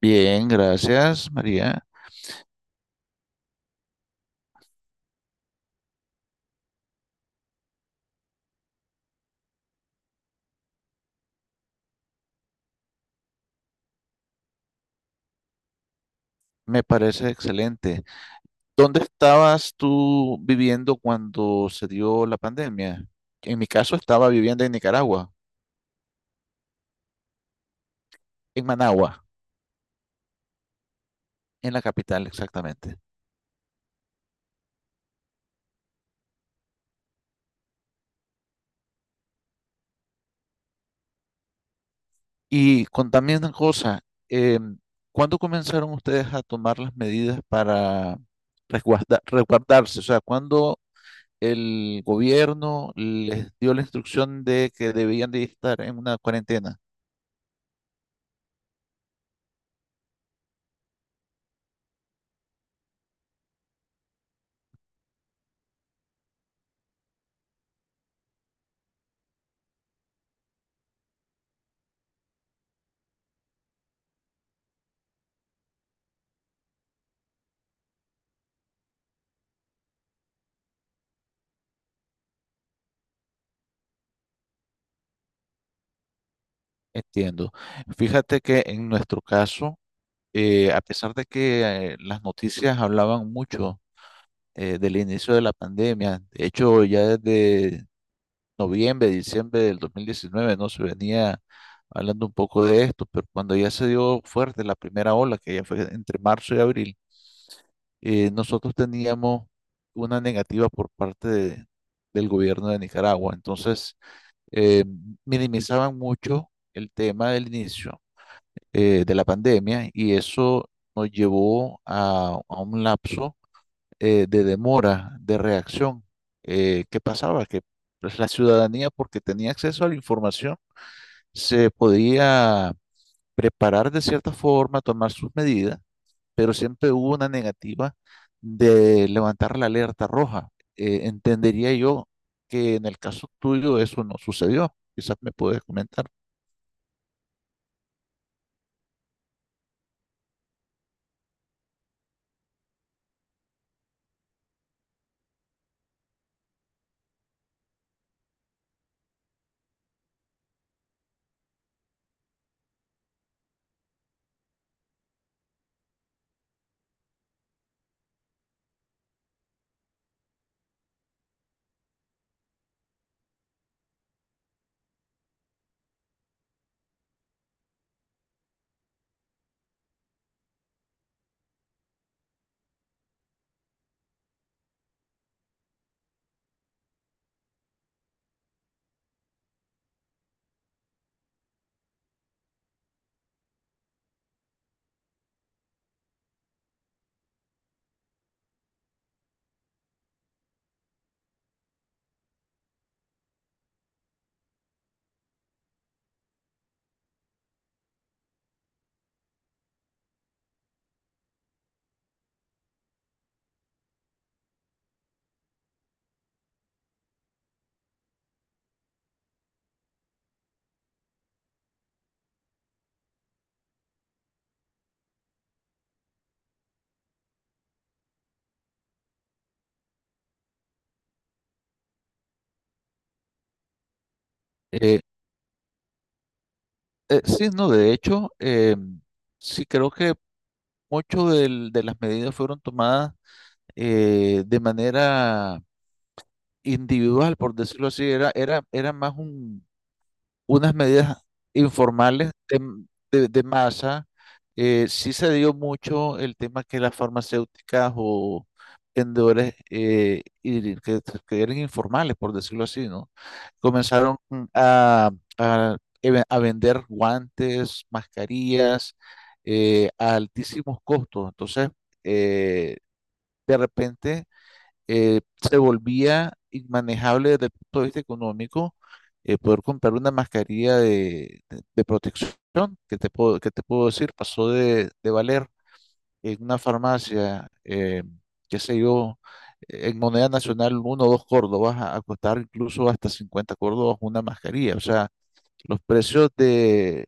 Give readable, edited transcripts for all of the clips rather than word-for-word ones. Bien, gracias, María. Me parece excelente. ¿Dónde estabas tú viviendo cuando se dio la pandemia? En mi caso estaba viviendo en Nicaragua, en Managua, en la capital exactamente. Y contame una cosa, eh, ¿cuándo comenzaron ustedes a tomar las medidas para resguardarse? O sea, ¿cuándo el gobierno les dio la instrucción de que debían de estar en una cuarentena? Entiendo. Fíjate que en nuestro caso, a pesar de que las noticias hablaban mucho del inicio de la pandemia, de hecho ya desde noviembre, diciembre del 2019 no se venía hablando un poco de esto, pero cuando ya se dio fuerte la primera ola, que ya fue entre marzo y abril, nosotros teníamos una negativa del gobierno de Nicaragua. Entonces, eh, minimizaban mucho el tema del inicio de la pandemia y eso nos llevó a un lapso de demora, de reacción. ¿Qué pasaba? Que pues, la ciudadanía, porque tenía acceso a la información, se podía preparar de cierta forma, tomar sus medidas, pero siempre hubo una negativa de levantar la alerta roja. Entendería yo que en el caso tuyo eso no sucedió. Quizás me puedes comentar. Eh, sí, no, de hecho, em, sí creo que mucho de las medidas fueron tomadas de manera individual, por decirlo así, era más unas medidas informales de masa. Sí se dio mucho el tema que las farmacéuticas o vendedores y que eran informales, por decirlo así, ¿no? Comenzaron a, a- a vender guantes, mascarillas a altísimos costos. Entonces, eh, de repente se volvía inmanejable desde el punto de vista económico, poder comprar una mascarilla de protección, que te puedo decir, pasó de valer en una farmacia, qué sé yo, en moneda nacional uno o dos córdobas a costar incluso hasta 50 córdobas una mascarilla. O sea, los precios de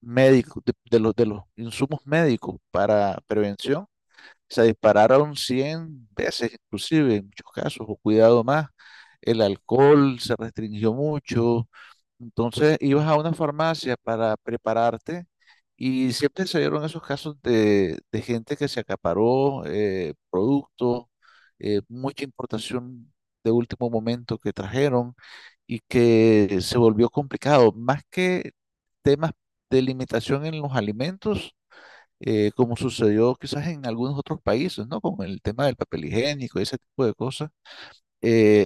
médicos, de los insumos médicos para prevención se dispararon 100 veces inclusive en muchos casos, o cuidado más, el alcohol se restringió mucho, entonces ibas a una farmacia para prepararte y siempre se dieron esos casos de gente que se acaparó productos, mucha importación de último momento que trajeron y que se volvió complicado, más que temas de limitación en los alimentos, como sucedió quizás en algunos otros países, ¿no? Con el tema del papel higiénico y ese tipo de cosas. Eh,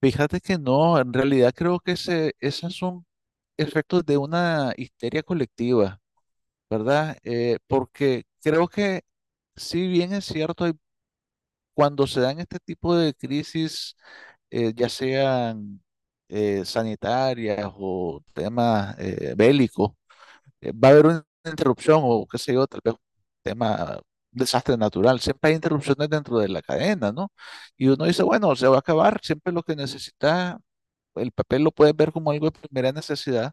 fíjate que no, en realidad creo que ese, esos son efectos de una histeria colectiva, ¿verdad? Porque creo que si bien es cierto, cuando se dan este tipo de crisis, ya sean sanitarias o temas bélicos, va a haber una interrupción o qué sé yo, tal vez un tema, un desastre natural. Siempre hay interrupciones dentro de la cadena, ¿no? Y uno dice, bueno, se va a acabar, siempre lo que necesita, el papel lo puedes ver como algo de primera necesidad,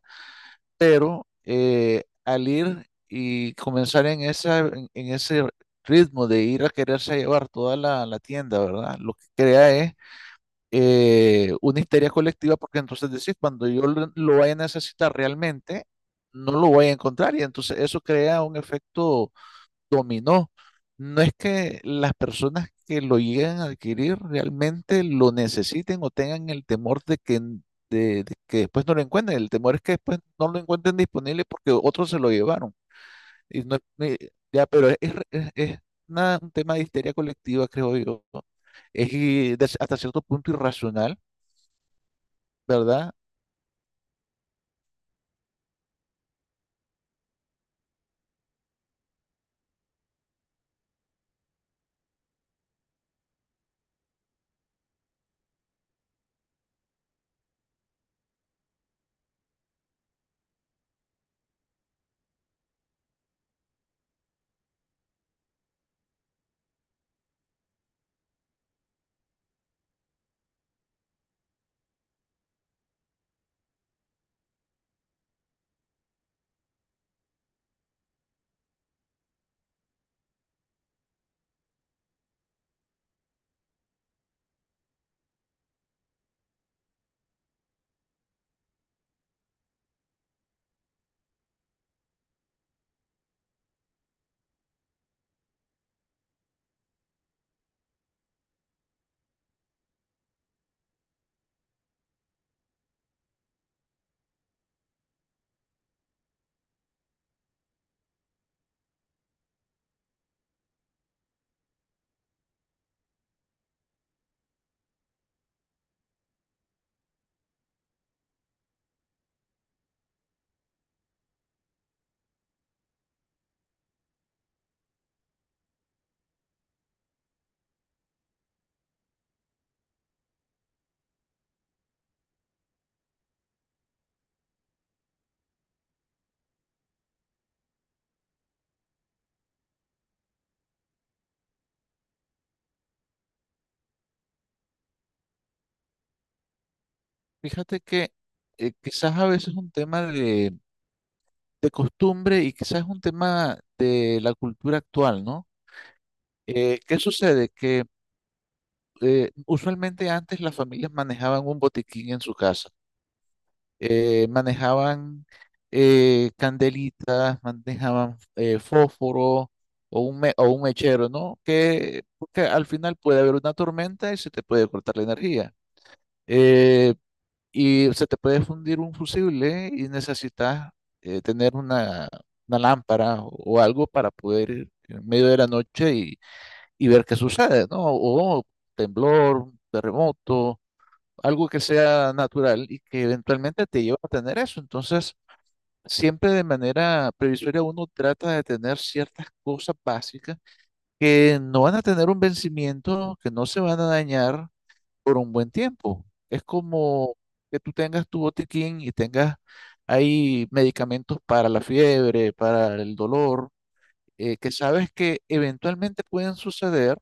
pero al ir y comenzar en esa, en ese ritmo de ir a quererse llevar toda la tienda, ¿verdad? Lo que crea es una histeria colectiva, porque entonces decís, cuando yo lo vaya a necesitar realmente, no lo voy a encontrar. Y entonces eso crea un efecto dominó. No es que las personas que lo lleguen a adquirir realmente lo necesiten o tengan el temor de de que después no lo encuentren. El temor es que después no lo encuentren disponible porque otros se lo llevaron. Y no, ya, pero es un tema de histeria colectiva, creo yo. Es y hasta cierto punto irracional, ¿verdad? Fíjate que quizás a veces es un tema de costumbre y quizás es un tema de la cultura actual, ¿no? ¿Qué sucede? Que usualmente antes las familias manejaban un botiquín en su casa. Manejaban candelitas, manejaban fósforo o un, o un mechero, ¿no? Que, porque al final puede haber una tormenta y se te puede cortar la energía. Eh, y se te puede fundir un fusible y necesitas tener una lámpara o algo para poder ir en medio de la noche y ver qué sucede, ¿no? O temblor, terremoto, algo que sea natural y que eventualmente te lleva a tener eso. Entonces, siempre de manera previsoria uno trata de tener ciertas cosas básicas que no van a tener un vencimiento, que no se van a dañar por un buen tiempo. Es como que tú tengas tu botiquín y tengas ahí medicamentos para la fiebre, para el dolor, que sabes que eventualmente pueden suceder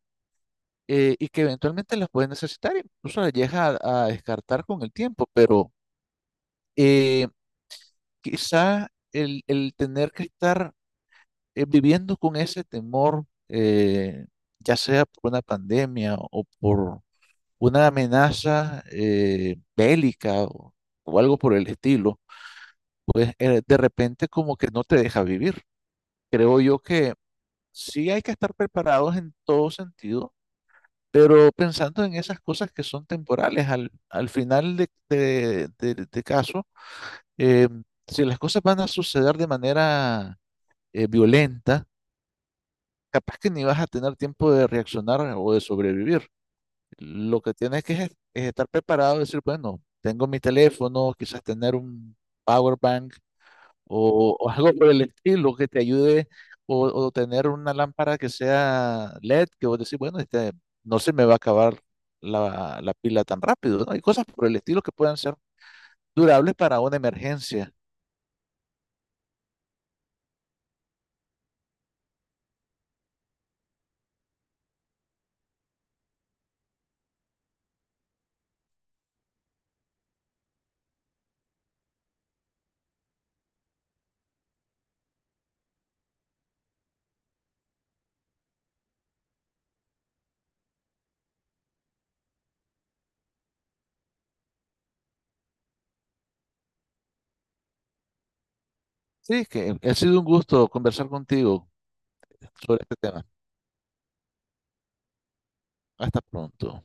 y que eventualmente las puedes necesitar. Incluso las llegas a descartar con el tiempo, pero eh, quizá el tener que estar viviendo con ese temor, ya sea por una pandemia o por una amenaza bélica o algo por el estilo, pues de repente como que no te deja vivir. Creo yo que sí hay que estar preparados en todo sentido, pero pensando en esas cosas que son temporales, al final de caso, eh, si las cosas van a suceder de manera violenta, capaz que ni vas a tener tiempo de reaccionar o de sobrevivir. Lo que tienes que es estar preparado, decir, bueno, tengo mi teléfono, quizás tener un power bank o algo por el estilo que te ayude, o tener una lámpara que sea LED, que vos decís, bueno, este, no se me va a acabar la pila tan rápido, ¿no? Hay cosas por el estilo que puedan ser durables para una emergencia. Sí, que ha sido un gusto conversar contigo sobre este tema. Hasta pronto.